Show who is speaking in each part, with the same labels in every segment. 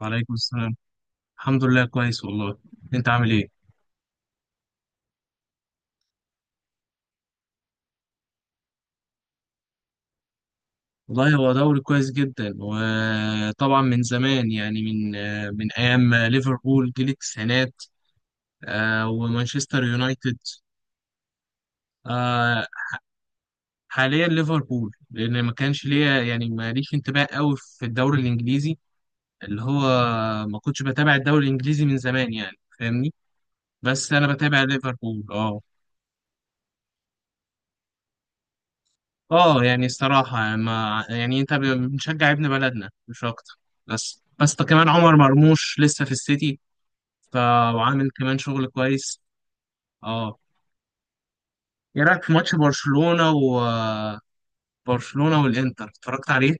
Speaker 1: وعليكم السلام. الحمد لله كويس والله. انت عامل ايه؟ والله هو دوري كويس جدا، وطبعا من زمان، يعني من من ايام ليفربول جيل التسعينات، ومانشستر يونايتد. آه، حاليا ليفربول، لان ما كانش ليا يعني ماليش انتباه قوي في الدوري الانجليزي، اللي هو ما كنتش بتابع الدوري الانجليزي من زمان، يعني فاهمني، بس انا بتابع ليفربول، اه. اه، يعني الصراحة، ما يعني انت بنشجع ابن بلدنا مش اكتر. بس بس ده كمان عمر مرموش لسه في السيتي، ف- وعامل كمان شغل كويس، اه. ايه رأيك في ماتش برشلونة؟ وبرشلونة والانتر، اتفرجت عليه؟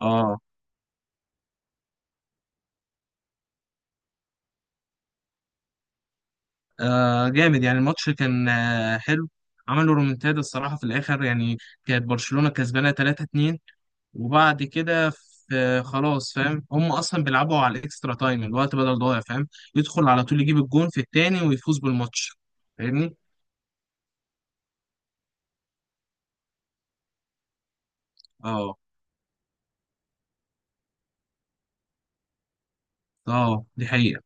Speaker 1: اه، جامد، يعني الماتش كان حلو. عملوا رومنتادا الصراحة في الآخر، يعني كانت برشلونة كسبانة 3-2، وبعد كده في خلاص، فاهم، هم اصلا بيلعبوا على الاكسترا تايم، الوقت بدل ضايع، فاهم، يدخل على طول يجيب الجون في التاني ويفوز بالماتش، فاهمني. اه. اه، دي حقيقة.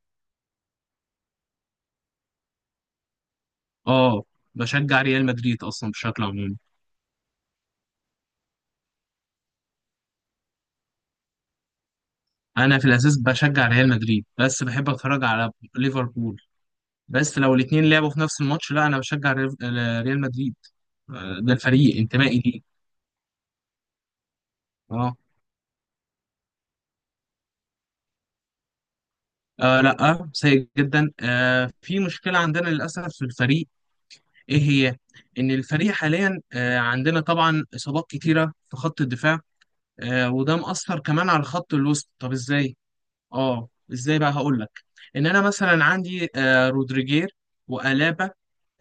Speaker 1: اه، بشجع ريال مدريد اصلا بشكل عمومي. انا في الاساس بشجع ريال مدريد، بس بحب اتفرج على ليفربول، بس لو الاتنين لعبوا في نفس الماتش، لا، انا بشجع ريال مدريد، ده الفريق انتمائي ليه. اه. لا، سيء جدا. في مشكلة عندنا للأسف في الفريق. ايه هي؟ ان الفريق حاليا عندنا طبعا اصابات كتيره في خط الدفاع، وده مأثر كمان على خط الوسط. طب ازاي؟ اه، ازاي بقى، هقول لك. ان انا مثلا عندي رودريجير، وألابا،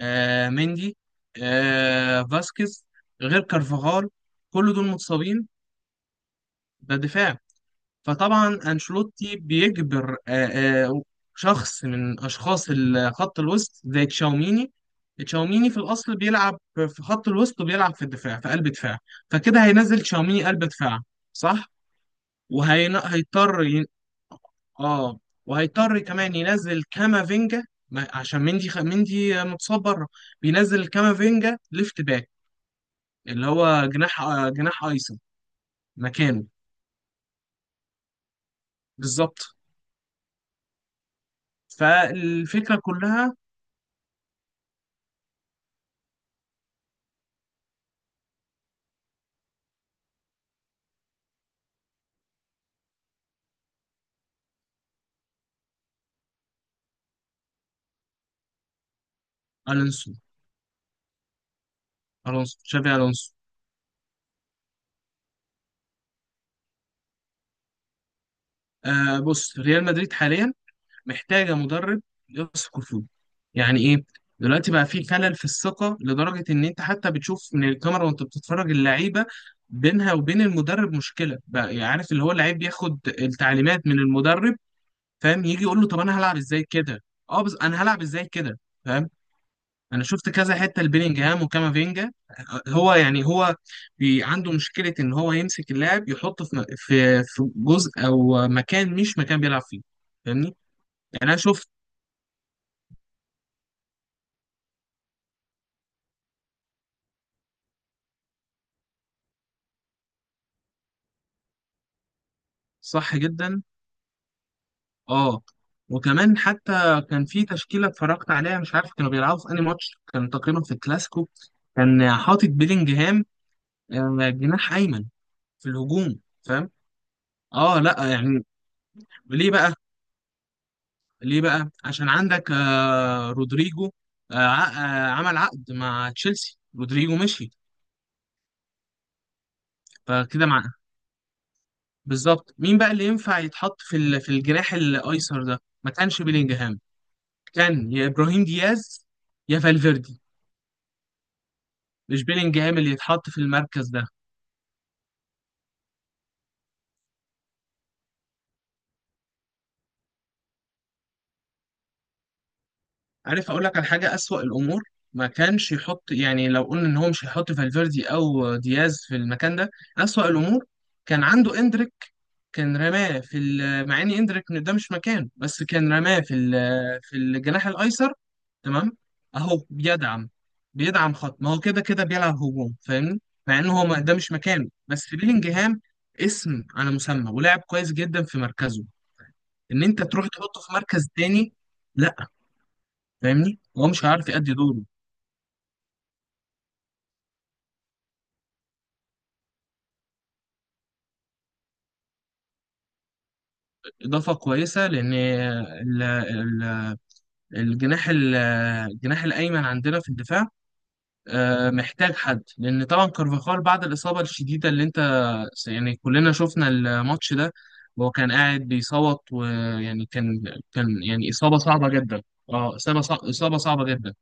Speaker 1: مندي، فاسكيز، غير كارفاغال، كل دول متصابين. ده دفاع. فطبعا أنشيلوتي بيجبر آه، شخص من أشخاص خط الوسط زي تشاوميني. تشاوميني في الأصل بيلعب في خط الوسط وبيلعب في الدفاع، في قلب دفاع، فكده هينزل تشاوميني قلب دفاع، صح. وهيضطر ي... اه، وهيضطر كمان ينزل كامافينجا، عشان مندي مندي متصاب بره. بينزل كامافينجا ليفت باك، اللي هو جناح جناح ايسر مكانه. بالظبط. فالفكرة كلها. ألونسو. الونسو، تشافي الونسو. بص، ريال مدريد حاليا محتاجه مدرب يثق فيه. يعني ايه؟ دلوقتي بقى في خلل في الثقه، لدرجه ان انت حتى بتشوف من الكاميرا وانت بتتفرج اللعيبه، بينها وبين المدرب مشكله. بقى يعني عارف، اللي هو اللعيب بياخد التعليمات من المدرب، فاهم، يجي يقول له طب انا هلعب ازاي كده؟ اه، بس انا هلعب ازاي كده؟ فاهم. انا شفت كذا حته لبيلينجهام وكامافينجا. هو يعني، هو بي عنده مشكله ان هو يمسك اللاعب، يحطه في في جزء او مكان مش مكان بيلعب فيه. فاهمني. يعني انا شفت. صح جدا. اه، وكمان حتى كان في تشكيله اتفرجت عليها، مش عارف كانوا بيلعبوا في انهي ماتش، كان تقريبا في الكلاسيكو. كان حاطط بيلينجهام جناح ايمن في الهجوم، فاهم. اه، لا يعني. ليه بقى؟ ليه بقى؟ عشان عندك رودريجو، آه، ع- عمل عقد مع تشيلسي، رودريجو مشي. فكده مع، بالظبط، مين بقى اللي ينفع يتحط في في الجناح الايسر ده؟ ما كانش بيلينجهام، كان يا ابراهيم دياز يا فالفيردي. مش بيلينجهام اللي يتحط في المركز ده. عارف اقول لك على حاجه؟ اسوأ الامور، ما كانش يحط، يعني لو قلنا ان هو مش هيحط فالفيردي او دياز في المكان ده، اسوأ الامور كان عنده اندريك. كان رماه في مع اني ادرك ان ده مش مكانه، بس كان رماه في في الجناح الايسر، تمام. اهو بيدعم، بيدعم خط، ما هو كده كده بيلعب هجوم، فاهمني، مع ان هو ده مش مكانه. بس بيلينجهام اسم على مسمى، ولاعب كويس جدا في مركزه، ان انت تروح تحطه في مركز تاني، لا. فاهمني، هو مش هيعرف يأدي دوره. اضافه كويسه، لان الجناح الجناح الايمن عندنا في الدفاع، محتاج حد، لان طبعا كارفاخال بعد الاصابه الشديده، اللي انت يعني كلنا شفنا الماتش ده، وهو كان قاعد بيصوت، ويعني كان، كان يعني اصابه صعبه جدا. اه، اصابه اصابه صعبه جدا.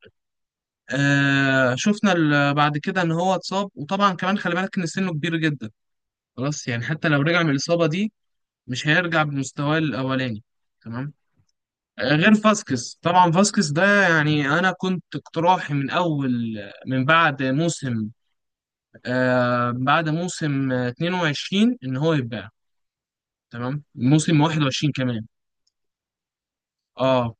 Speaker 1: شفنا بعد كده ان هو اتصاب، وطبعا كمان خلي بالك ان سنه كبير جدا، خلاص، يعني حتى لو رجع من الاصابه دي مش هيرجع بمستواه الاولاني، تمام. غير فاسكس، طبعا فاسكس ده، يعني انا كنت اقتراحي من اول، من بعد موسم بعد موسم 22 ان هو يتباع، تمام، موسم 21 كمان. اه،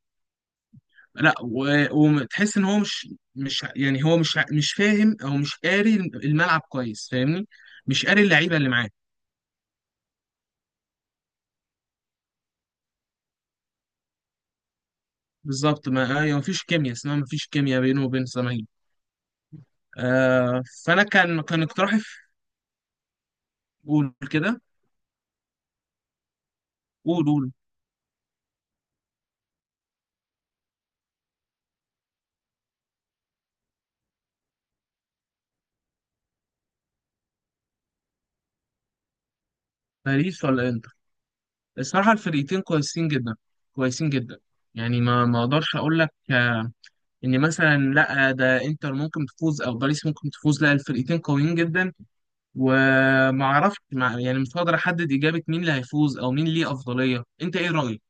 Speaker 1: لا، وتحس ان هو مش، مش يعني، هو مش فاهم او مش قاري الملعب كويس، فاهمني، مش قاري اللعيبه اللي معاه. بالظبط، ما ايوه، مفيش كيمياء اسمها، مفيش كيمياء بينه وبين الزماهير. فانا كان اقتراحي قول كده. قول قول. باريس ولا انتر؟ الصراحه الفريقين كويسين جدا، كويسين جدا. يعني ما اقدرش اقول لك ان مثلا، لا، ده انتر ممكن تفوز او باريس ممكن تفوز، لا، الفرقتين قويين جدا، وما اعرفش، يعني مش هقدر احدد اجابه مين اللي هيفوز او مين ليه افضليه. انت ايه رايك؟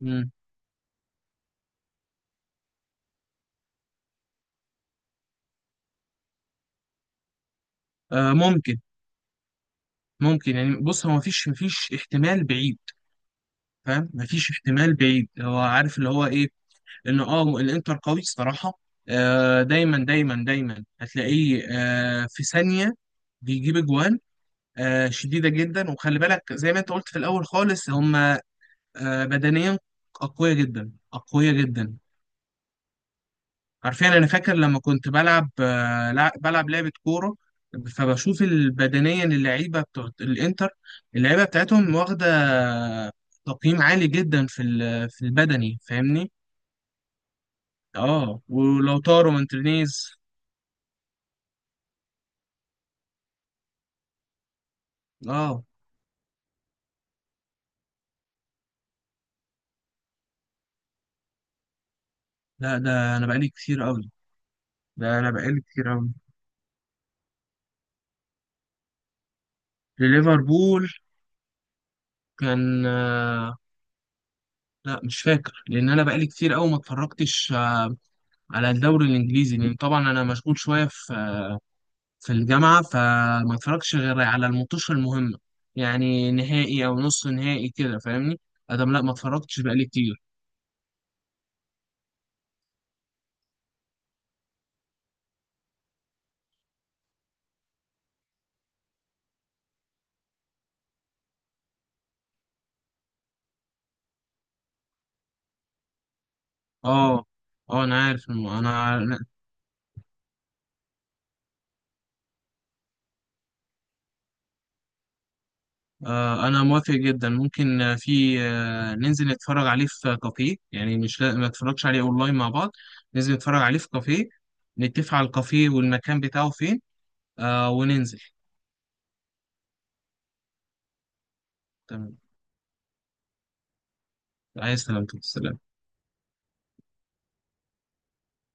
Speaker 1: مم. ممكن، يعني بص، هو مفيش احتمال بعيد، فاهم، مفيش احتمال بعيد. هو عارف اللي هو ايه، ان الانتر قوي الصراحه. دايما دايما دايما هتلاقيه في ثانيه بيجيب اجوان شديده جدا. وخلي بالك، زي ما انت قلت في الاول خالص، هم بدنيا أقوية جدا، أقوية جدا. حرفيا أنا فاكر لما كنت بلعب بلعب لعبة كورة، فبشوف بدنيا اللعيبة بتوع الإنتر، اللعيبة بتاعتهم واخدة تقييم عالي جدا في في البدني، فاهمني؟ اه، ولو طاروا مارتينيز. اه، لا، ده أنا بقالي كتير أوي، ده أنا بقالي كتير أوي لليفربول. كان لا، مش فاكر، لأن أنا بقالي كتير أوي ما اتفرجتش على الدوري الانجليزي، لان طبعا انا مشغول شويه في الجامعه، فما اتفرجش غير على الماتش المهمه، يعني نهائي او نص نهائي كده، فاهمني. ادم، لا، ما اتفرجتش بقالي كتير. اه. اه، انا عارف انا انا موافق جدا، ممكن آه، في آه ننزل نتفرج عليه في كافيه، يعني مش ما اتفرجش عليه اونلاين، مع بعض ننزل نتفرج عليه في كافيه، نتفق على الكافيه والمكان بتاعه فين، وننزل. تمام. عايز سلامتك، سلام.